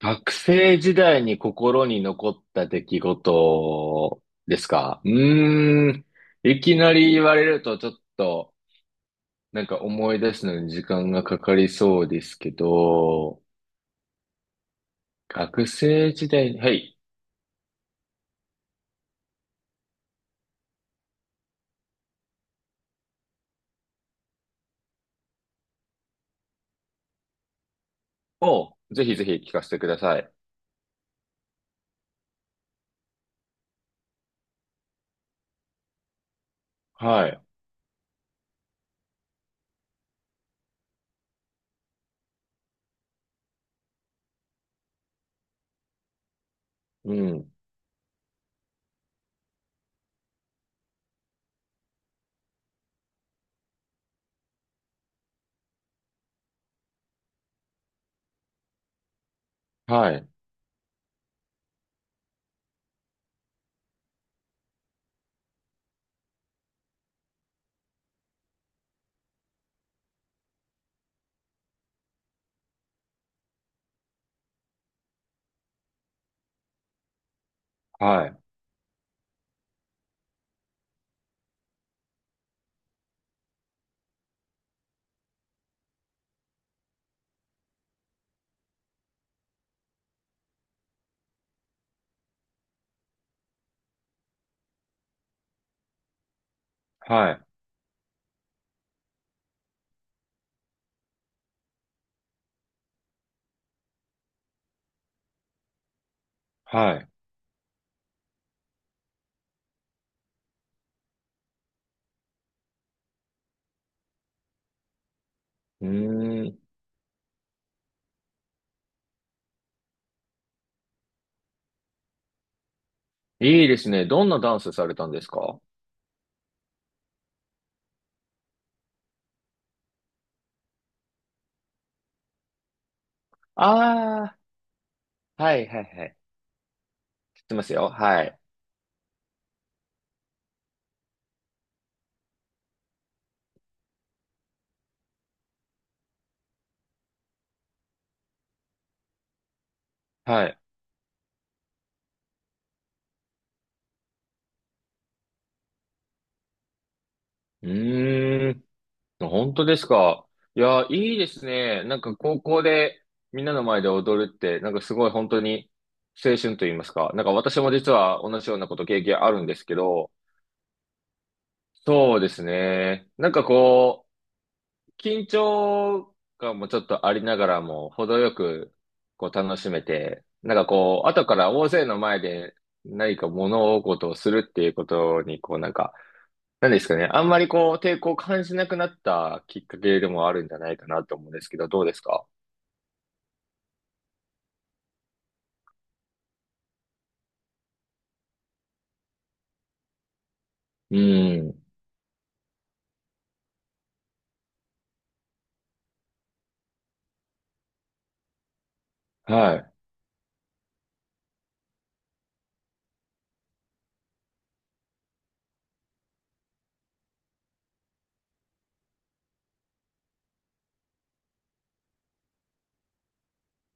学生時代に心に残った出来事ですかいきなり言われるとちょっと、思い出すのに時間がかかりそうですけど、学生時代に、はい。をぜひぜひ聞かせてください。はい。うん。はい。はい。はい。はい。うーん。いいですね。どんなダンスされたんですか？ああー、はい、はい、はい。知ってますよ。はい。はい。うーん。本当ですか。いや、いいですね。なんか高校でみんなの前で踊るって、なんかすごい本当に青春と言いますか。なんか私も実は同じようなこと経験あるんですけど、そうですね。こう、緊張感もちょっとありながらも、程よくこう楽しめて、こう、後から大勢の前で何か物事をするっていうことに、なんですかね。あんまりこう、抵抗を感じなくなったきっかけでもあるんじゃないかなと思うんですけど、どうですか？うん。はい。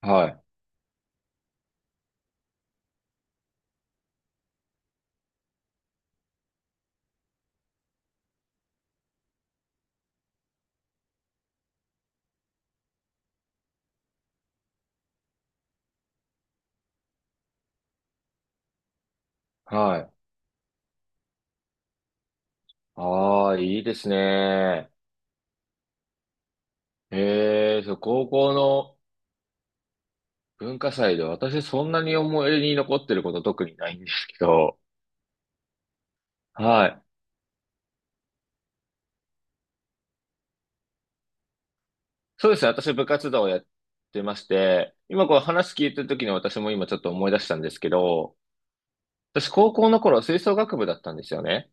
はい。はい。ああ、いいですね。ええ、そう、高校の文化祭で私そんなに思い出に残ってること特にないんですけど、はい。そうですね。私部活動をやってまして、今こう話聞いてる時に私も今ちょっと思い出したんですけど、私高校の頃吹奏楽部だったんですよね。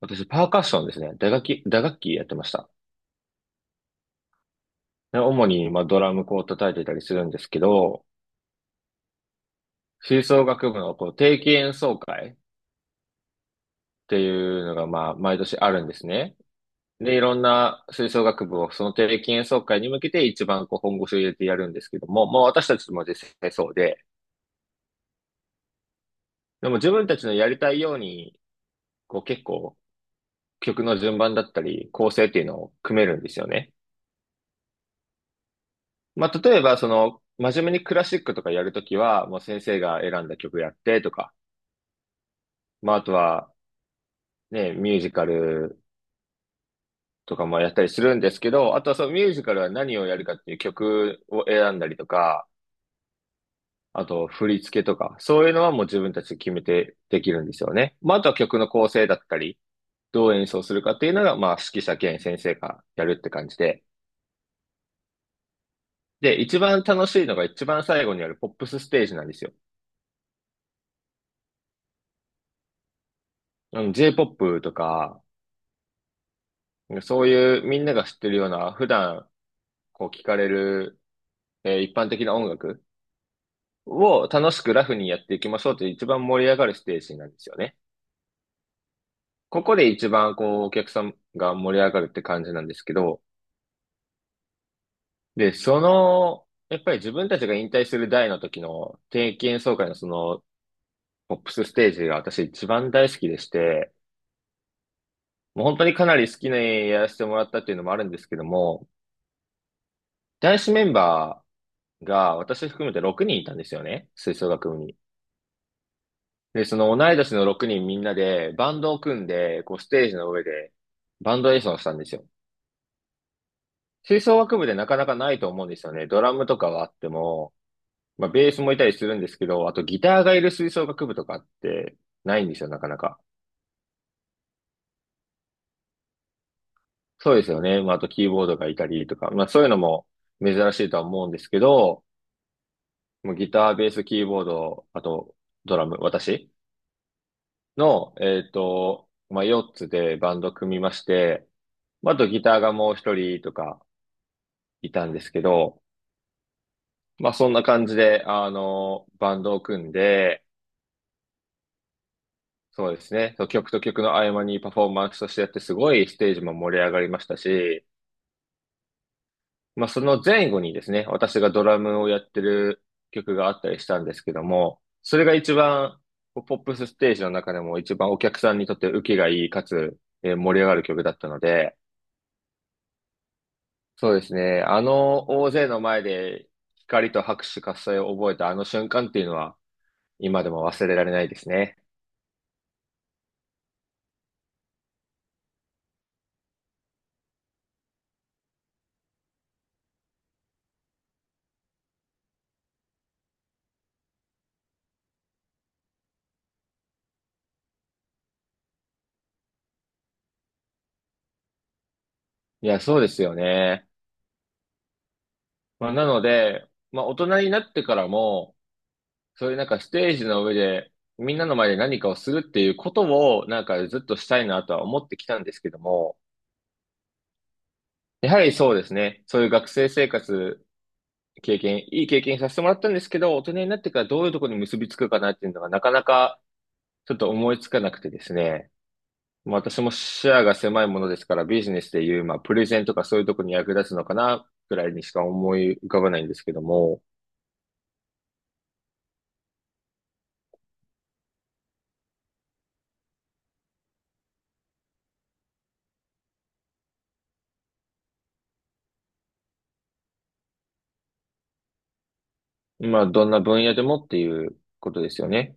私パーカッションですね。打楽器、打楽器やってました。で主に、まあ、ドラムこう叩いてたりするんですけど、吹奏楽部のこう定期演奏会っていうのが、まあ、毎年あるんですね。で、いろんな吹奏楽部をその定期演奏会に向けて一番こう本腰を入れてやるんですけども、まあ私たちも実際そうで、でも自分たちのやりたいように、こう結構曲の順番だったり構成っていうのを組めるんですよね。まあ例えばその真面目にクラシックとかやるときは、もう先生が選んだ曲やってとか、まああとはね、ミュージカルとかもやったりするんですけど、あとはそのミュージカルは何をやるかっていう曲を選んだりとか、あと振り付けとか、そういうのはもう自分たちで決めてできるんですよね。まあ、あとは曲の構成だったり、どう演奏するかっていうのが、まあ、指揮者兼先生がやるって感じで。で、一番楽しいのが一番最後にあるポップスステージなんですよ。あの Jポップとか、そういうみんなが知ってるような、普段こう聞かれる、一般的な音楽を楽しくラフにやっていきましょうという一番盛り上がるステージなんですよね。ここで一番こうお客さんが盛り上がるって感じなんですけど、で、その、やっぱり自分たちが引退する代の時の定期演奏会のそのポップスステージが私一番大好きでして、もう本当にかなり好きなやらせてもらったっていうのもあるんですけども、男子メンバーが私含めて6人いたんですよね、吹奏楽部に。で、その同い年の6人みんなでバンドを組んで、こうステージの上でバンド演奏をしたんですよ。吹奏楽部でなかなかないと思うんですよね。ドラムとかはあっても、まあベースもいたりするんですけど、あとギターがいる吹奏楽部とかってないんですよ、なかなか。そうですよね。まああとキーボードがいたりとか、まあそういうのも珍しいとは思うんですけど、もうギター、ベース、キーボード、あとドラム、私の、まあ4つでバンド組みまして、まああとギターがもう1人とか、いたんですけど、まあそんな感じで、あの、バンドを組んで、そうですね、そう曲と曲の合間にパフォーマンスとしてやって、すごいステージも盛り上がりましたし、まあその前後にですね、私がドラムをやってる曲があったりしたんですけども、それが一番、こうポップスステージの中でも一番お客さんにとって受けがいい、かつ、盛り上がる曲だったので、そうですね、あの大勢の前で光と拍手喝采を覚えたあの瞬間っていうのは、今でも忘れられないですね。いや、そうですよね。まあ、なので、まあ、大人になってからも、そういうなんかステージの上で、みんなの前で何かをするっていうことを、なんかずっとしたいなとは思ってきたんですけども、やはりそうですね。そういう学生生活、経験、いい経験させてもらったんですけど、大人になってからどういうところに結びつくかなっていうのがなかなかちょっと思いつかなくてですね。まあ、私も視野が狭いものですから、ビジネスでいう、まあ、プレゼンとかそういうところに役立つのかな、ぐらいにしか思い浮かばないんですけども、まあ、どんな分野でもっていうことですよね。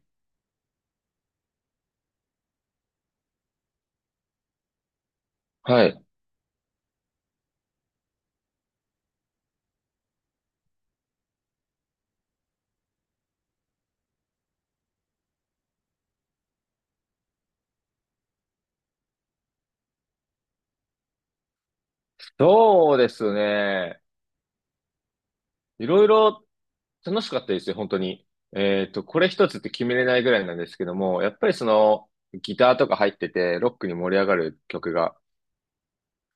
はい。そうですね。いろいろ楽しかったですよ、本当に。これ一つって決めれないぐらいなんですけども、やっぱりその、ギターとか入ってて、ロックに盛り上がる曲が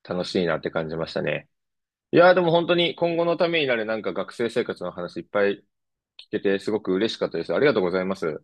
楽しいなって感じましたね。いやーでも本当に今後のためになるなんか学生生活の話いっぱい聞けてすごく嬉しかったです。ありがとうございます。